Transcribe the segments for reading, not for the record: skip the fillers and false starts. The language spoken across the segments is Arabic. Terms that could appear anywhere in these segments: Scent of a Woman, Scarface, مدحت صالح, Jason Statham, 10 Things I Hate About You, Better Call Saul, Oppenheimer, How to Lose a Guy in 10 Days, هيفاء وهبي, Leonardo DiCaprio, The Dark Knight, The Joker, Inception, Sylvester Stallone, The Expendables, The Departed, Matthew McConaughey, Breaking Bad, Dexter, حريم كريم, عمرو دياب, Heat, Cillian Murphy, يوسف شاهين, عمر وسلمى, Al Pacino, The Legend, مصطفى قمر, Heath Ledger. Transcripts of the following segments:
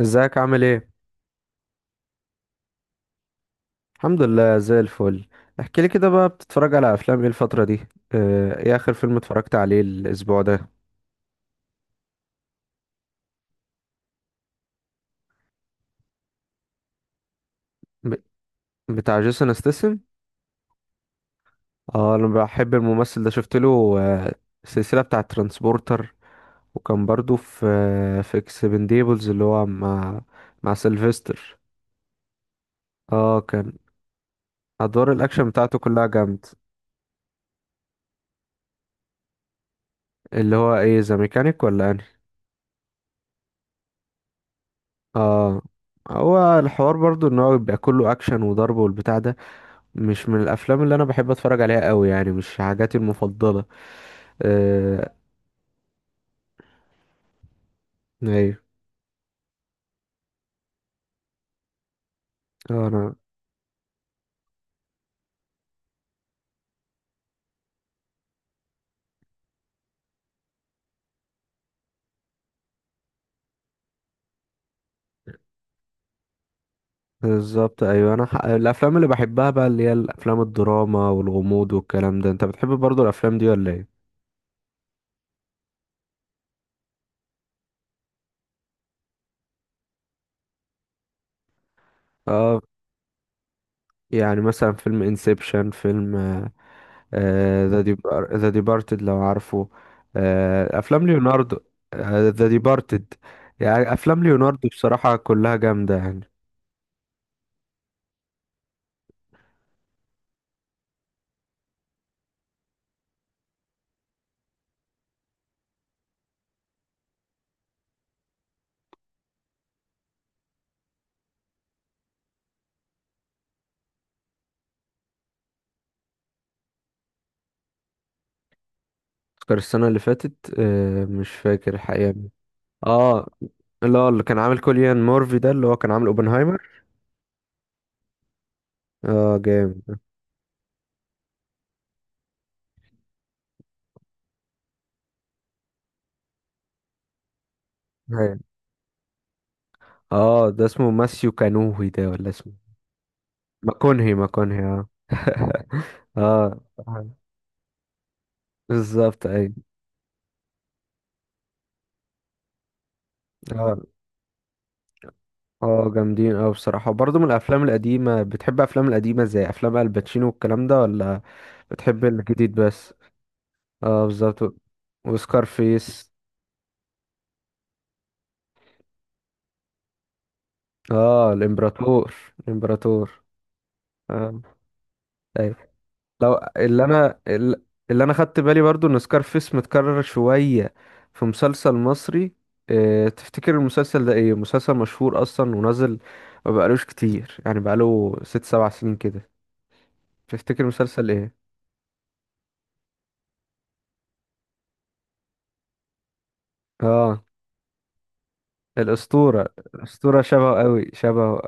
ازيك؟ عامل ايه؟ الحمد لله زي الفل. احكي لي كده بقى، بتتفرج على افلام ايه الفتره دي؟ اه، ايه اخر فيلم اتفرجت عليه الاسبوع ده؟ ب... بتاع جيسون استسم. اه، انا بحب الممثل ده. شفت له السلسله بتاع ترانسبورتر. وكان برضو في اكسبنديبلز اللي هو مع سيلفستر. اه، كان ادوار الاكشن بتاعته كلها جامد. اللي هو ايه، ذا ميكانيك ولا انهي؟ اه، هو الحوار برضو ان هو بيبقى كله اكشن وضرب والبتاع ده مش من الافلام اللي انا بحب اتفرج عليها قوي، يعني مش حاجاتي المفضله. آه، ايوه. انا بالظبط. ايوه، انا الافلام اللي بحبها بقى اللي هي الافلام الدراما والغموض والكلام ده. انت بتحب برضو الافلام دي ولا ايه؟ اه، يعني مثلا فيلم انسبشن، فيلم ذا ديبارتد لو عارفه. آه، افلام ليوناردو. ذا ديبارتد. يعني افلام ليوناردو بصراحه كلها جامده يعني. اوسكار السنه اللي فاتت، آه، مش فاكر الحقيقه. اه، لا، اللي كان عامل كوليان مورفي ده اللي هو كان عامل اوبنهايمر. اه، جامد. أيوة. اه، ده اسمه ماسيو كانوهي ده ولا اسمه ماكونهي؟ ماكونهي، اه. اه، بالظبط. اي، اه، اه، جامدين. اه، بصراحة برضه من الافلام القديمة. بتحب افلام القديمة زي افلام الباتشينو والكلام ده ولا بتحب الجديد بس؟ اه، بالظبط. وسكارفيس. اه، الامبراطور. الامبراطور. اه، أيوة. لو اللي انا ال- اللي انا خدت بالي برضو ان سكارفيس متكرر شوية في مسلسل مصري. اه، تفتكر المسلسل ده ايه؟ مسلسل مشهور اصلا ونزل ما بقالوش كتير، يعني بقاله 6 7 سنين كده. تفتكر مسلسل ايه؟ اه، الاسطورة. الاسطورة شبهه قوي، شبهه.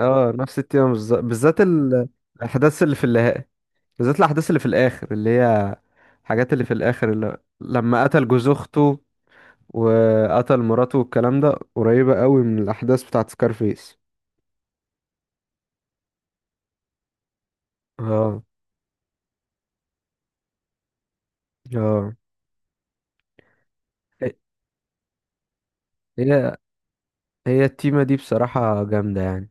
اه، نفس التيمة، بالذات الاحداث اللي في النهاية، بالذات الاحداث اللي في الاخر، اللي هي الحاجات اللي في الاخر، اللي لما قتل جوز اخته وقتل مراته والكلام ده. قريبة قوي من الأحداث بتاعت سكارفيس. اه، اه، هي هي التيمة دي بصراحة جامدة يعني.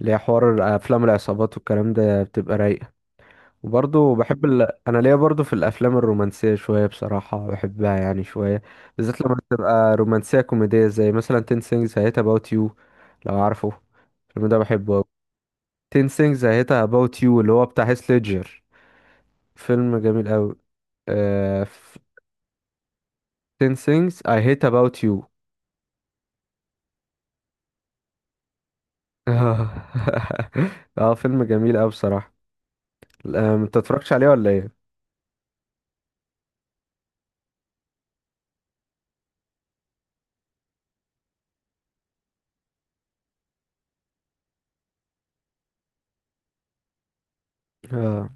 ليها حوار. أفلام العصابات والكلام ده بتبقى رايقة. وبرضه بحب أنا ليا برضه في الأفلام الرومانسية شوية بصراحة، بحبها يعني شوية. بالذات لما تبقى رومانسية كوميدية، زي مثلا 10 things I hate about you لو عارفه. الفيلم ده بحبه أوي. 10 things I hate about you اللي هو بتاع هيث ليدجر. فيلم جميل أوي. آه، 10 things I hate about you. اه. فيلم جميل أوي بصراحة. ما تتفرجش عليه ولا ايه؟ اه،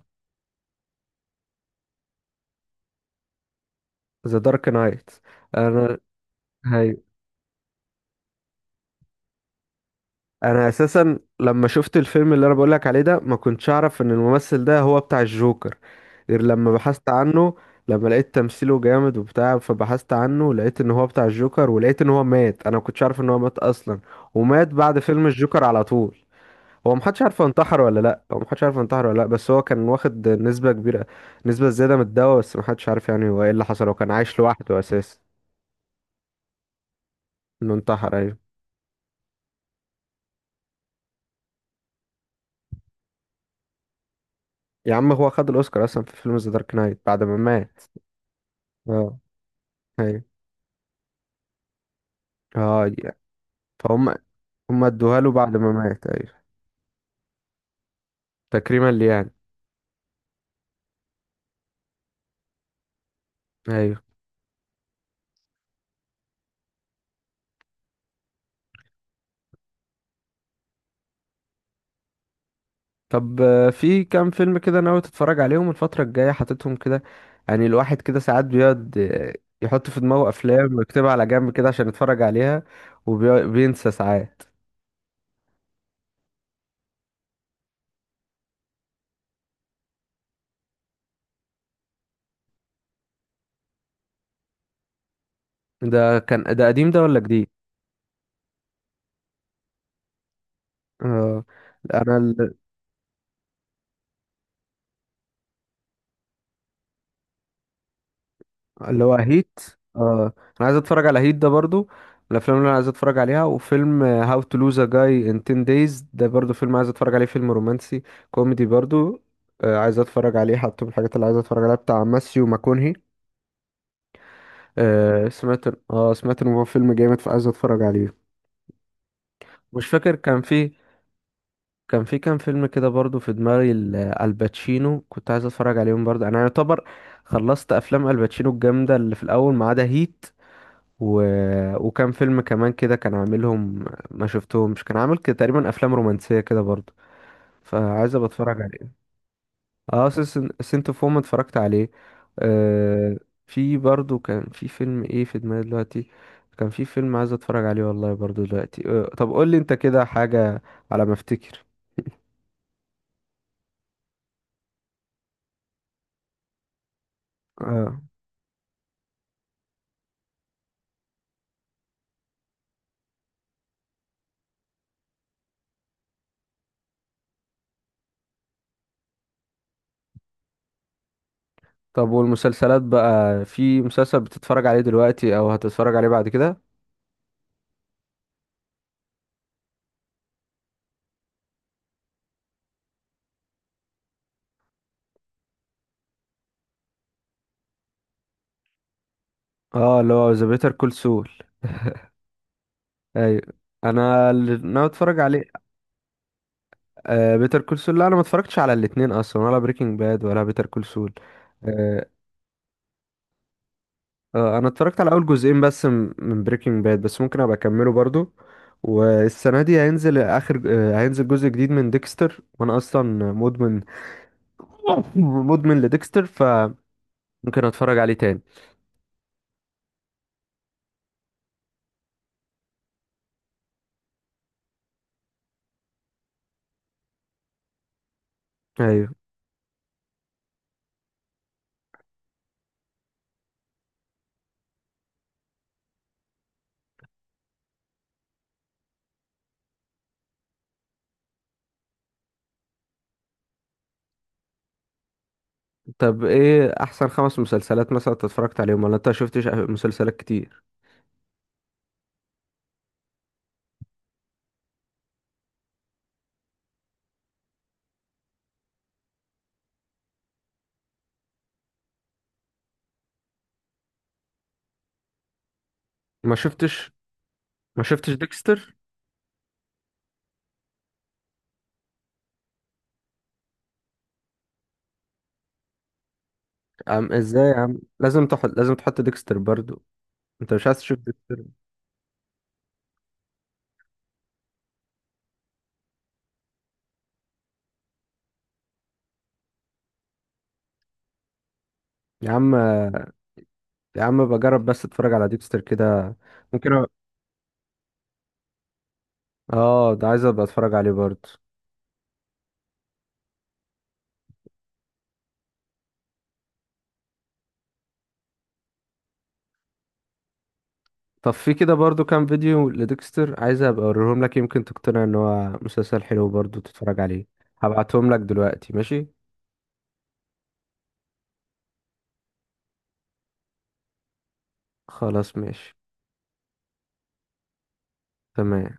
The Dark Knight. انا هاي انا اساسا لما شفت الفيلم اللي انا بقولك عليه ده، ما كنتش اعرف ان الممثل ده هو بتاع الجوكر غير لما بحثت عنه. لما لقيت تمثيله جامد وبتاع، فبحثت عنه لقيت ان هو بتاع الجوكر، ولقيت ان هو مات. انا ما كنتش عارف ان هو مات اصلا. ومات بعد فيلم الجوكر على طول. هو محدش عارف هو انتحر ولا لا، هو محدش عارف هو انتحر ولا لا، بس هو كان واخد نسبة كبيرة، نسبة زيادة من الدواء، بس محدش عارف يعني هو ايه اللي حصل. هو كان عايش لوحده اساسا. انه انتحر، ايوه. يا عم، هو خد الاوسكار اصلا في فيلم ذا دارك نايت بعد ما مات. اه، ايوه. اه يعني. فهم. هم ادوها له بعد ما مات، ايوه. تكريما ليه يعني؟ ايوه. طب، في كام فيلم كده ناوي تتفرج عليهم الفترة الجاية، حاططهم كده؟ يعني الواحد كده ساعات بيقعد، يحط في دماغه أفلام ويكتبها على جنب كده عشان يتفرج عليها. وبينسى ساعات. ده كان، ده قديم ده ولا جديد؟ آه، أنا ال- اللي هو هيت. آه، أنا عايز أتفرج على هيت ده برضو، من الأفلام اللي أنا عايز أتفرج عليها. وفيلم هاو تو لوز أ جاي إن 10 دايز ده برضو فيلم عايز أتفرج عليه، فيلم رومانسي كوميدي برضو. عايز أتفرج عليه، حاطه من الحاجات اللي عايز أتفرج عليها، بتاع ماسيو ماكونهي. آه سمعت اه سمعت ان هو فيلم جامد، فعايز اتفرج عليه. مش فاكر، كان في كام فيلم كده برضو في دماغي، الباتشينو، كنت عايز اتفرج عليهم برضو. انا يعتبر خلصت افلام الباتشينو الجامده اللي في الاول ما عدا هيت، و... وكان فيلم كمان كده كان عاملهم، ما شفتهمش. كان عامل كده تقريبا افلام رومانسيه كده برضو، فعايز ابقى اتفرج. اه، سنت اوف وومن اتفرجت عليه. آه، في برضو كان في فيلم ايه في دماغي دلوقتي؟ كان في فيلم عايز اتفرج عليه والله برضو دلوقتي، طب قول لي انت كده حاجة على ما افتكر. آه، طب والمسلسلات بقى، في مسلسل بتتفرج عليه دلوقتي او هتتفرج عليه بعد كده؟ اه، اللي هو ذا بيتر كول سول. ايوه، انا اللي ناوي اتفرج عليه. آه بيتر كول سول. لا، انا ما اتفرجتش على الاتنين اصلا، ولا بريكنج باد ولا بيتر كول سول. آه، انا اتفرجت على اول جزئين بس من بريكنج باد، بس ممكن ابقى اكمله برضو. والسنه دي هينزل اخر آه، هينزل جزء جديد من ديكستر، وانا اصلا مدمن. مدمن لديكستر، فممكن اتفرج عليه تاني. ايوه. طب، ايه احسن 5 مسلسلات مثلا انت اتفرجت عليهم؟ ولا انت شفتش مسلسلات كتير؟ ما شفتش ما شفتش ديكستر. عم، ازاي يا عم؟ لازم تحط ديكستر برضو. انت مش عايز تشوف ديكستر؟ يا عم، يا عم، بجرب بس اتفرج على ديكستر كده، ممكن. اه، ده عايز ابقى اتفرج عليه برضه. طب في كده برضه كام فيديو لديكستر عايز ابقى اوريهم لك، يمكن تقتنع ان هو مسلسل حلو برضه تتفرج عليه. هبعتهم لك دلوقتي، ماشي؟ خلاص، ماشي. تمام.